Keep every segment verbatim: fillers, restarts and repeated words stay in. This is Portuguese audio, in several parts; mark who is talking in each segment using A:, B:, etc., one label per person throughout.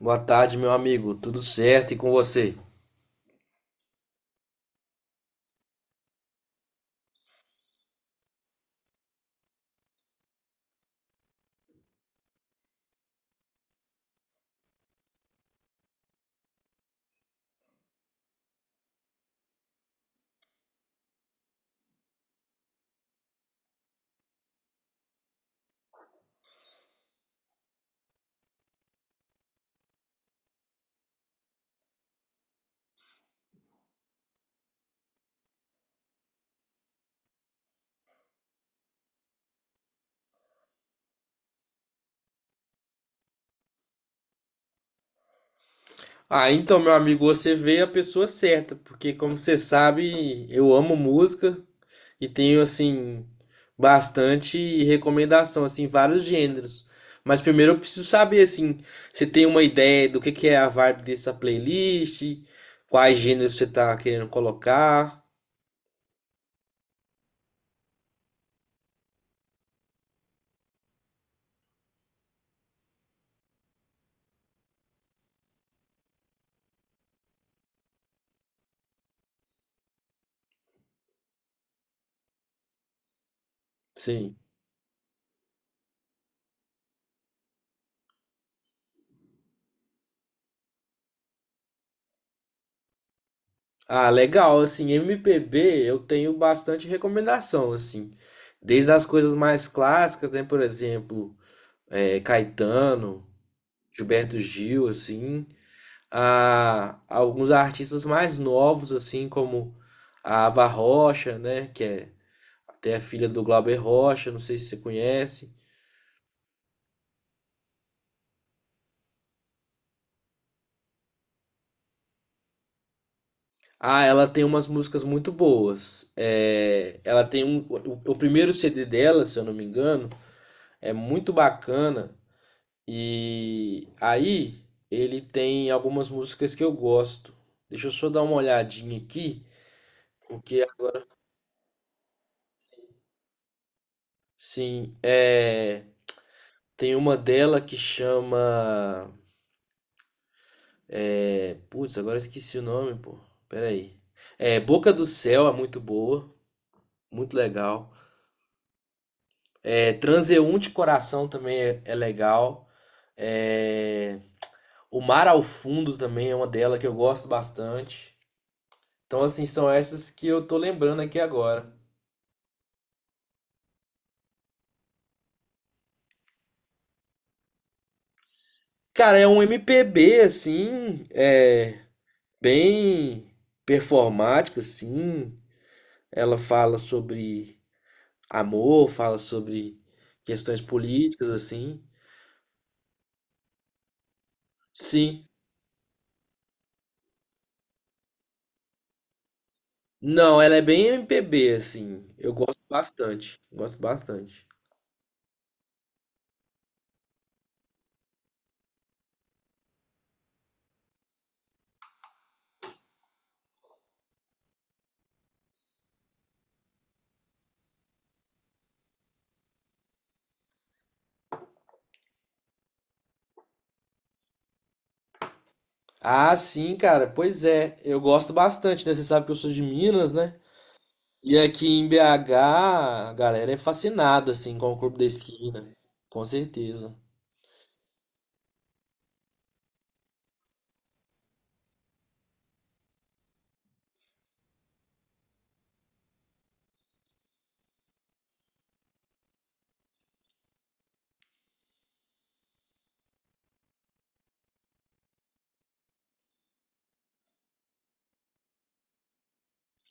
A: Boa tarde, meu amigo. Tudo certo e com você? Ah, então, meu amigo, você veio a pessoa certa, porque como você sabe, eu amo música e tenho assim bastante recomendação assim, vários gêneros. Mas primeiro eu preciso saber assim, você tem uma ideia do que que é a vibe dessa playlist, quais gêneros você tá querendo colocar? Sim. Ah, legal, assim, M P B eu tenho bastante recomendação, assim, desde as coisas mais clássicas, né, por exemplo, eh, Caetano, Gilberto Gil, assim, a alguns artistas mais novos, assim, como a Ava Rocha, né, que é até a filha do Glauber Rocha, não sei se você conhece. Ah, ela tem umas músicas muito boas. É, ela tem um, o, o primeiro C D dela, se eu não me engano, é muito bacana. E aí ele tem algumas músicas que eu gosto. Deixa eu só dar uma olhadinha aqui, porque assim, é, tem uma dela que chama é, putz, agora eu esqueci o nome, pô. Pera aí. É, Boca do Céu é muito boa, muito legal. É, Transeunte Coração também é, é legal. É, O Mar ao Fundo também é uma dela que eu gosto bastante. Então, assim, são essas que eu tô lembrando aqui agora. Cara, é um M P B assim, é bem performático assim. Ela fala sobre amor, fala sobre questões políticas assim. Sim. Não, ela é bem M P B assim. Eu gosto bastante, gosto bastante. Ah, sim, cara. Pois é, eu gosto bastante, né? Você sabe que eu sou de Minas, né? E aqui em B H, a galera é fascinada assim com o Clube da Esquina. Com certeza.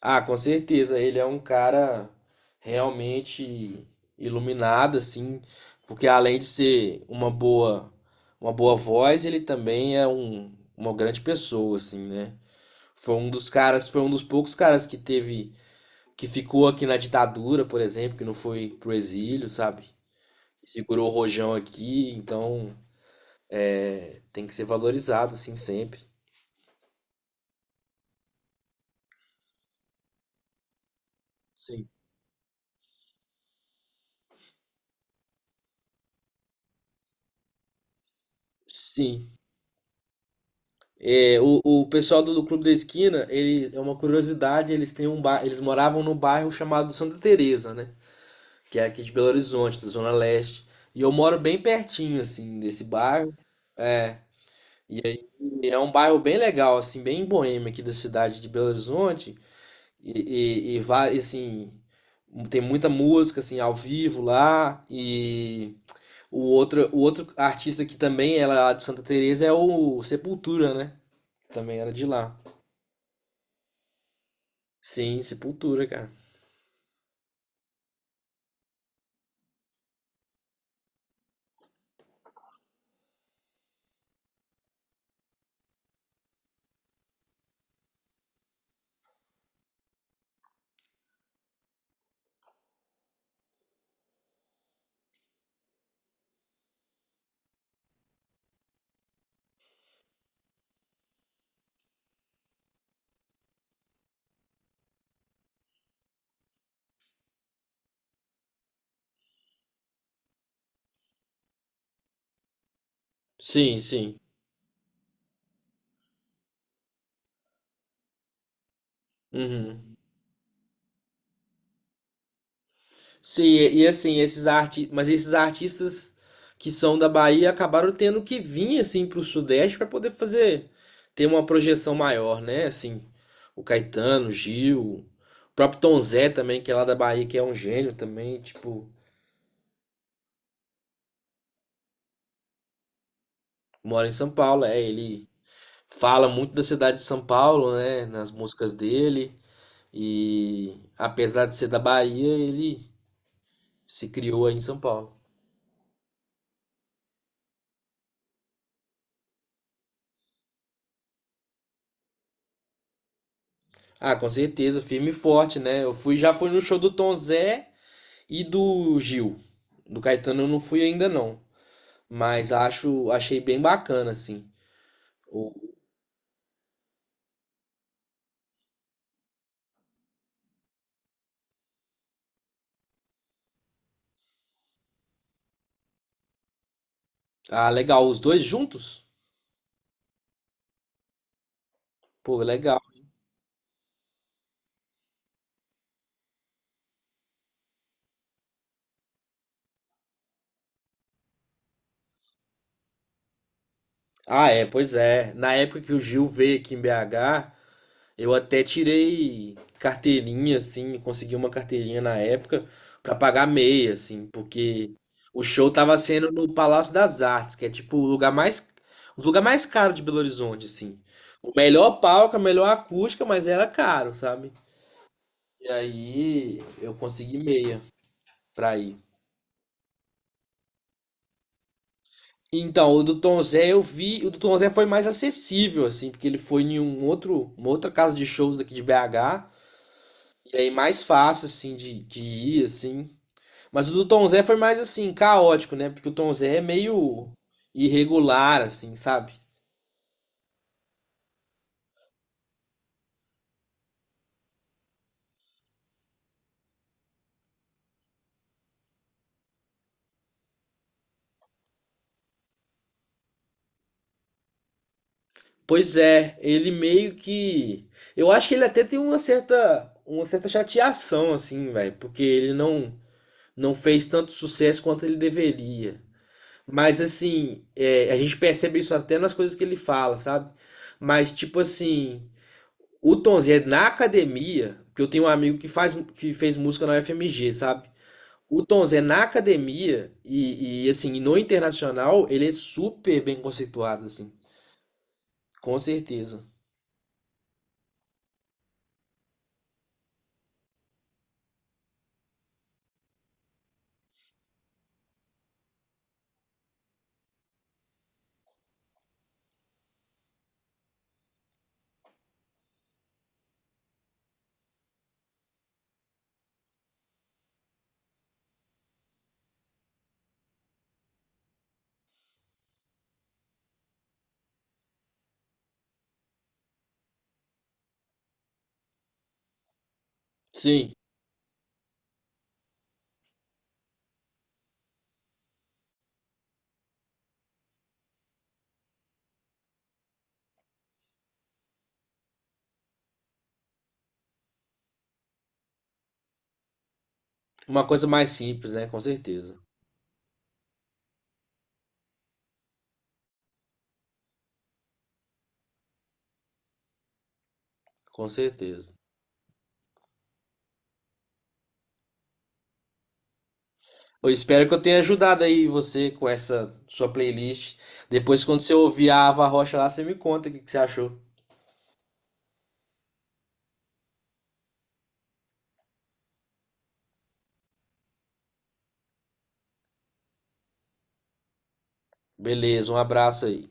A: Ah, com certeza, ele é um cara realmente iluminado, assim, porque além de ser uma boa, uma boa voz, ele também é um, uma grande pessoa, assim, né? Foi um dos caras, foi um dos poucos caras que teve, que ficou aqui na ditadura, por exemplo, que não foi pro exílio, sabe? Segurou o rojão aqui, então é, tem que ser valorizado, assim, sempre. Sim. Sim. É, o, o pessoal do, do Clube da Esquina, ele é uma curiosidade, eles têm um ba... eles moravam num bairro chamado Santa Teresa, né? Que é aqui de Belo Horizonte, da Zona Leste. E eu moro bem pertinho, assim, desse bairro. É, e é um bairro bem legal, assim, bem boêmio aqui da cidade de Belo Horizonte. E, e, e va- e, assim, tem muita música, assim, ao vivo lá. E o outro, o outro artista que também é lá de Santa Teresa é o Sepultura, né? Também era de lá. Sim, Sepultura, cara. Sim, sim. Uhum. Sim, e, e assim, esses arti... mas esses artistas que são da Bahia acabaram tendo que vir assim pro Sudeste para poder fazer ter uma projeção maior, né? Assim, o Caetano, o Gil, o próprio Tom Zé também, que é lá da Bahia, que é um gênio também, tipo, mora em São Paulo, é, ele fala muito da cidade de São Paulo, né, nas músicas dele, e apesar de ser da Bahia, ele se criou aí em São Paulo. Ah, com certeza, firme e forte, né? Eu fui, já fui no show do Tom Zé e do Gil. Do Caetano eu não fui ainda não, mas acho, achei bem bacana assim. O- ah, legal, os dois juntos? Pô, legal. Ah, é, pois é. Na época que o Gil veio aqui em B H, eu até tirei carteirinha, assim, consegui uma carteirinha na época pra pagar meia, assim, porque o show tava sendo no Palácio das Artes, que é tipo o lugar mais, um dos lugares mais caros de Belo Horizonte, assim. O melhor palco, a melhor acústica, mas era caro, sabe? E aí eu consegui meia pra ir. Então, o do Tom Zé eu vi, o do Tom Zé foi mais acessível, assim, porque ele foi em um outro, uma outra casa de shows daqui de B H, e aí mais fácil, assim, de, de ir, assim. Mas o do Tom Zé foi mais assim, caótico, né? Porque o Tom Zé é meio irregular, assim, sabe? Pois é, ele meio que. Eu acho que ele até tem uma certa, uma certa chateação, assim, velho, porque ele não, não fez tanto sucesso quanto ele deveria. Mas, assim, é, a gente percebe isso até nas coisas que ele fala, sabe? Mas, tipo assim, o Tom Zé na academia, que eu tenho um amigo que faz, que fez música na U F M G, sabe? O Tom Zé na academia e, e, assim, no internacional, ele é super bem conceituado, assim. Com certeza. Sim, uma coisa mais simples, né? Com certeza. Com certeza. Eu espero que eu tenha ajudado aí você com essa sua playlist. Depois, quando você ouvir a Ava Rocha lá, você me conta o que que você achou. Beleza, um abraço aí.